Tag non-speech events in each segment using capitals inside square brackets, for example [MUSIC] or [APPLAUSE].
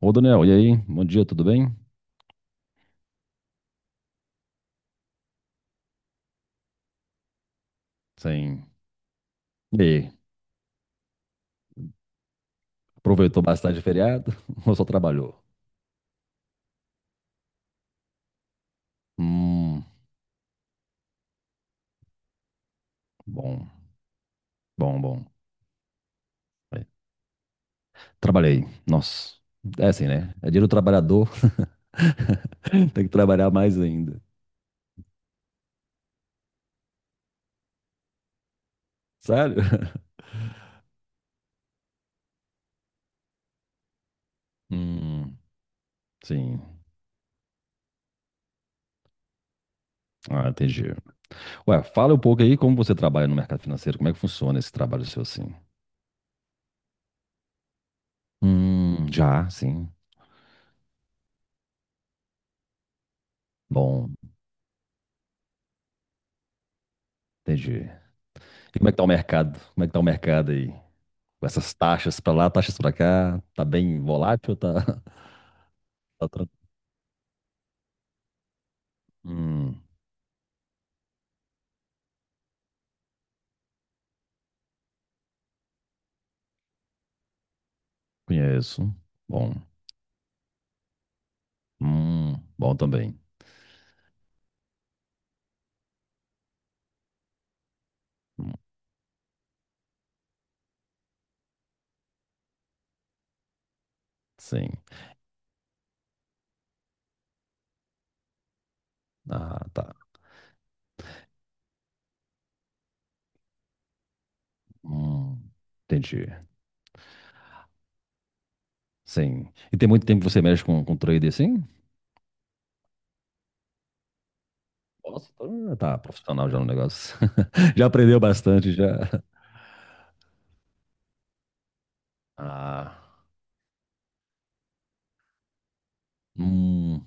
Ô, Daniel, e aí? Bom dia, tudo bem? Sim. E aí? Aproveitou bastante o feriado [LAUGHS] ou só trabalhou? Hum, bom, bom, bom. É. Trabalhei. Nossa, é assim, né? É dia do trabalhador, [LAUGHS] tem que trabalhar mais ainda. Sério? [LAUGHS] Hum, sim. Ah, entendi. Ué, fala um pouco aí como você trabalha no mercado financeiro, como é que funciona esse trabalho seu assim? Já, sim. Bom, entendi. E como é que tá o mercado? Como é que tá o mercado aí? Com essas taxas pra lá, taxas pra cá, tá bem volátil, tá, [LAUGHS] tá tranquilo. Hum, conheço. Bom. Bom também. Hum, sim. Ah, tá. Hum, entendi. Sim. E tem muito tempo que você mexe com trade assim? Nossa, tá profissional já no negócio. [LAUGHS] Já aprendeu bastante, já. Ah, hum,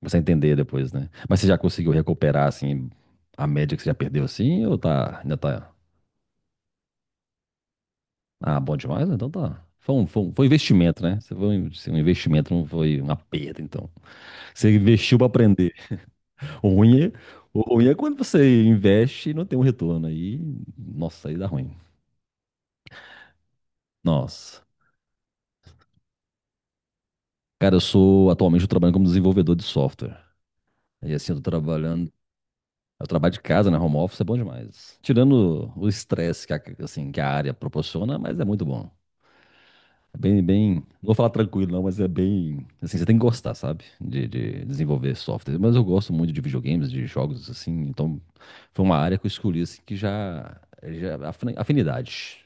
você entender depois, né? Mas você já conseguiu recuperar, assim, a média que você já perdeu, assim, ou tá, ainda tá. Ah, bom demais, então tá. Foi um investimento, né? Você foi um, se um investimento, não foi uma perda, então. Você investiu pra aprender. O ruim é, o ruim é quando você investe e não tem um retorno. Aí, nossa, aí dá ruim. Nossa. Cara, atualmente, eu trabalho como desenvolvedor de software. E assim, eu trabalho de casa, né? Home office é bom demais. Tirando o estresse que a, assim, que a área proporciona, mas é muito bom. É bem, bem, não vou falar tranquilo não, mas é bem, assim, você tem que gostar, sabe, de desenvolver software. Mas eu gosto muito de videogames, de jogos, assim, então foi uma área que eu escolhi, assim, que já afinidade.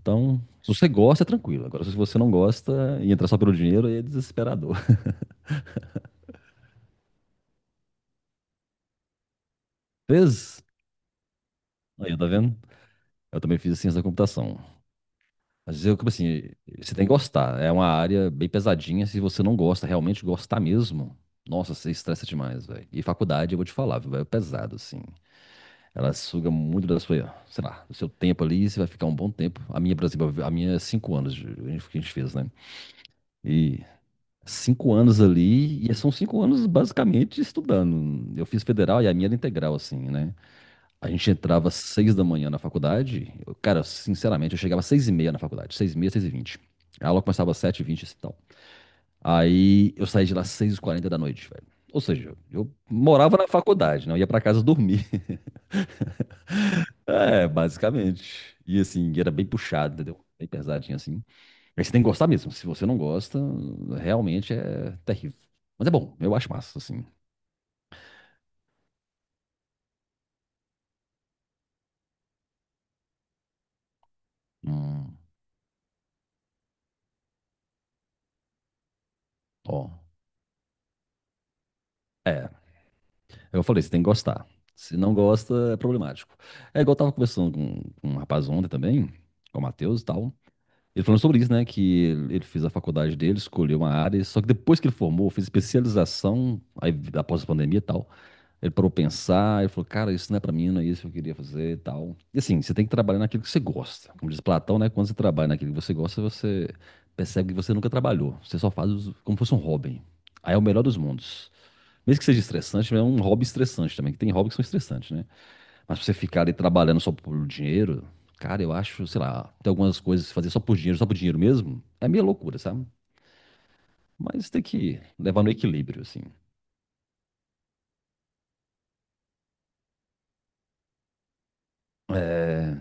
Então, se você gosta, é tranquilo. Agora, se você não gosta e entrar só pelo dinheiro, aí é desesperador. [LAUGHS] Fez? Aí, tá vendo? Eu também fiz ciência da computação. Às vezes, eu, tipo assim, você tem que gostar. É uma área bem pesadinha. Se você não gosta, realmente gostar mesmo, nossa, você estressa demais, velho. E faculdade, eu vou te falar, viu, véio, é pesado, assim. Ela suga muito da sua, sei lá, do seu tempo ali, e você vai ficar um bom tempo. A minha, por exemplo, a minha é 5 anos que a gente fez, né? E 5 anos ali, e são 5 anos basicamente estudando. Eu fiz federal e a minha era integral, assim, né? A gente entrava às 6 da manhã na faculdade. Cara, sinceramente, eu chegava às 6h30 na faculdade. 6h30, 6h20. A aula começava às 7h20 e tal. Aí eu saí de lá às 6h40 da noite, velho. Ou seja, eu morava na faculdade, não ia pra casa dormir. [LAUGHS] É, basicamente. E assim, era bem puxado, entendeu? Bem pesadinho assim. Mas você tem que gostar mesmo. Se você não gosta, realmente é terrível. Mas é bom, eu acho massa, assim. Hum, ó. É. Eu falei, você tem que gostar. Se não gosta, é problemático. É igual eu tava conversando com um rapaz ontem também, com o Matheus e tal. Ele falando sobre isso, né? Que ele fez a faculdade dele, escolheu uma área, só que depois que ele formou, fez especialização, aí após a pandemia e tal, ele parou pra pensar, ele falou, cara, isso não é pra mim, não é isso que eu queria fazer e tal. E assim, você tem que trabalhar naquilo que você gosta. Como diz Platão, né? Quando você trabalha naquilo que você gosta, você percebe que você nunca trabalhou. Você só faz como se fosse um hobby. Aí é o melhor dos mundos. Mesmo que seja estressante, é um hobby estressante também, que tem hobbies que são estressantes, né? Mas pra você ficar ali trabalhando só por dinheiro, cara, eu acho, sei lá, tem algumas coisas que fazer só por dinheiro mesmo, é meio loucura, sabe? Mas tem que levar no equilíbrio, assim. É,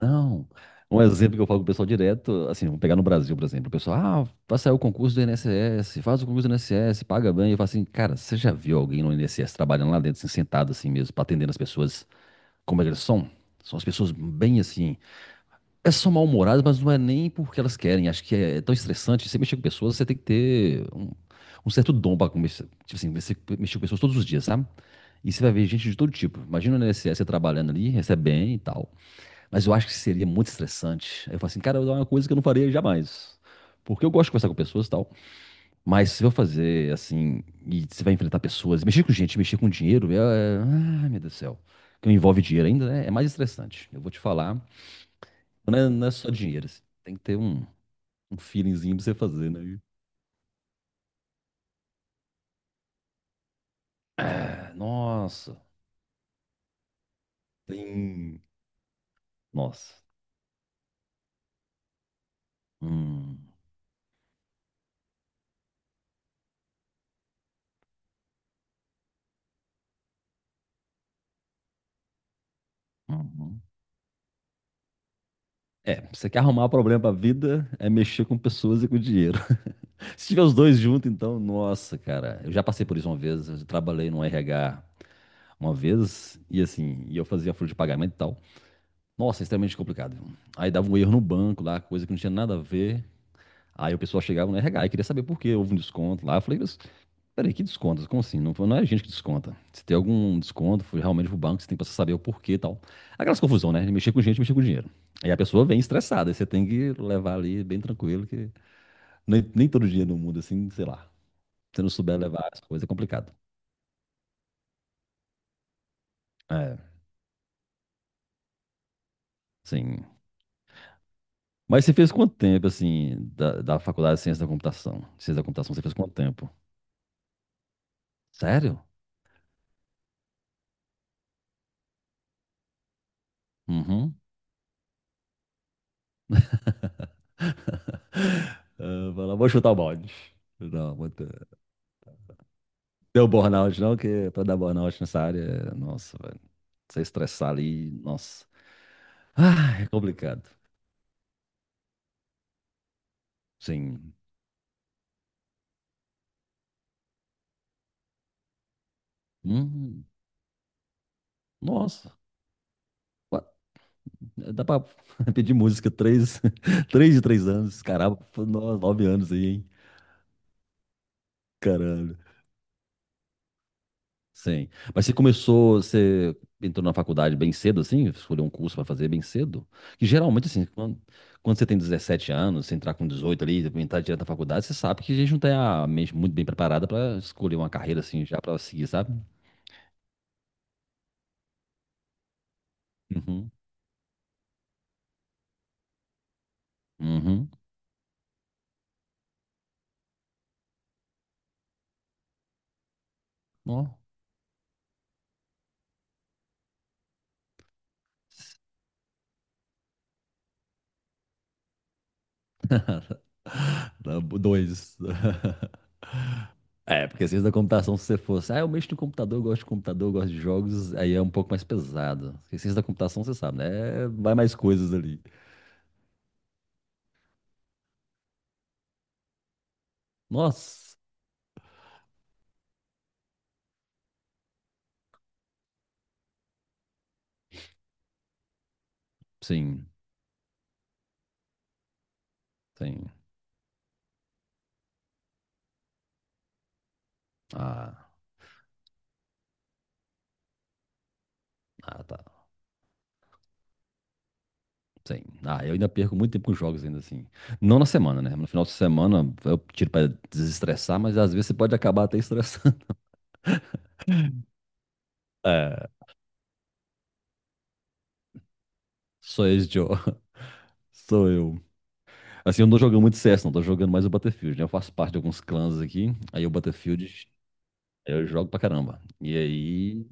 não. Um exemplo que eu falo pro pessoal direto, assim, vamos pegar no Brasil, por exemplo, o pessoal, ah, vai sair o concurso do INSS, faz o concurso do INSS, paga bem. Eu falo assim, cara, você já viu alguém no INSS trabalhando lá dentro, assim, sentado assim mesmo, pra atendendo as pessoas como elas são? São as pessoas bem assim, elas são mal-humoradas, mas não é nem porque elas querem. Acho que é tão estressante. Você mexer com pessoas, você tem que ter um certo dom para começar. Tipo assim, você mexer com pessoas todos os dias, sabe? E você vai ver gente de todo tipo. Imagina no INSS você trabalhando ali, recebe bem e tal. Mas eu acho que seria muito estressante. Aí eu falo assim, cara, é uma coisa que eu não faria jamais. Porque eu gosto de conversar com pessoas e tal. Mas se eu fazer assim, e você vai enfrentar pessoas, mexer com gente, mexer com dinheiro, é. Ai, meu Deus do céu. Que envolve dinheiro ainda, né? É mais estressante. Eu vou te falar. Não é só dinheiro, assim. Tem que ter um feelingzinho pra você fazer, né? E, ah, nossa, tem. Nossa. Hum, uhum. É, você quer arrumar problema pra vida, é mexer com pessoas e com dinheiro. [LAUGHS] Se tiver os dois juntos, então, nossa, cara. Eu já passei por isso uma vez, eu trabalhei no RH uma vez, e assim, e eu fazia folha de pagamento e tal. Nossa, é extremamente complicado. Viu? Aí dava um erro no banco lá, coisa que não tinha nada a ver. Aí o pessoal chegava no RH e queria saber por quê, houve um desconto lá. Eu falei, mas peraí, que desconto? Como assim? Não, não é a gente que desconta. Se tem algum desconto, foi realmente pro banco, você tem que saber o porquê e tal. Aquelas confusão, né? De mexer com gente, mexer com dinheiro. Aí a pessoa vem estressada, aí você tem que levar ali bem tranquilo, que nem, nem todo dia no mundo, assim, sei lá. Se você não souber levar as coisas, é complicado. É, sim. Mas você fez quanto tempo, assim, da faculdade de Ciência da Computação? Ciência da Computação, você fez quanto tempo? Sério? Uhum. [LAUGHS] Ah, vai lá, vou chutar o balde. Não, deu burnout, não, que pra dar burnout nessa área, nossa, velho. Você estressar ali, nossa. Ah, é complicado. Sim. Hum, nossa. Qua- Dá pra [LAUGHS] pedir música três, [LAUGHS] três de 3 anos. Caramba, 9 anos aí, hein? Caralho. Sim. Mas você entrou na faculdade bem cedo, assim? Escolheu um curso para fazer bem cedo? Que geralmente, assim, quando você tem 17 anos, você entrar com 18 ali, entrar direto na faculdade, você sabe que a gente não tem a mente muito bem preparada para escolher uma carreira, assim, já para seguir, sabe? Uhum. Uhum. Ó. Dá dois. [LAUGHS] É, porque ciência da computação, se você fosse, ah, eu mexo no computador, eu gosto de computador, eu gosto de jogos, aí é um pouco mais pesado. Porque ciência da computação, você sabe, né? Vai mais coisas ali. Nossa, sim. Sim. Ah, ah, tá. Sim. Ah, eu ainda perco muito tempo com jogos ainda assim. Não na semana, né? No final de semana eu tiro pra desestressar, mas às vezes você pode acabar até estressando. [LAUGHS] É, sou esse Joe. [LAUGHS] Sou eu. Assim, eu não tô jogando muito CS, não. Tô jogando mais o Battlefield, né? Eu faço parte de alguns clãs aqui. Aí o Battlefield eu jogo pra caramba. E aí.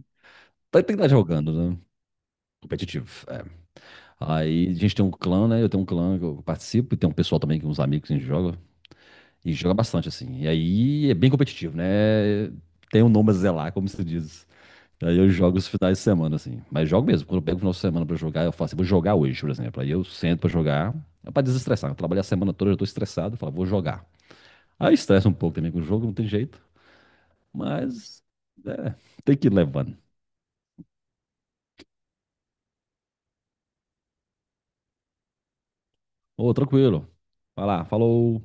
Tem que estar jogando, né? Competitivo. É. Aí a gente tem um clã, né? Eu tenho um clã que eu participo e tem um pessoal também, que uns amigos que a gente joga. E joga bastante, assim. E aí é bem competitivo, né? Tem um nome a zelar, como se diz. E aí eu jogo os finais de semana, assim. Mas jogo mesmo. Quando eu pego o final de semana pra jogar, eu falo assim, vou jogar hoje, por exemplo. Aí eu sento pra jogar, é pra desestressar. Eu trabalhei a semana toda, eu tô estressado, eu falo, vou jogar. Aí estressa um pouco também com o jogo, não tem jeito. Mas, é, tem que ir levando. Ô, tranquilo. Vai lá, falou.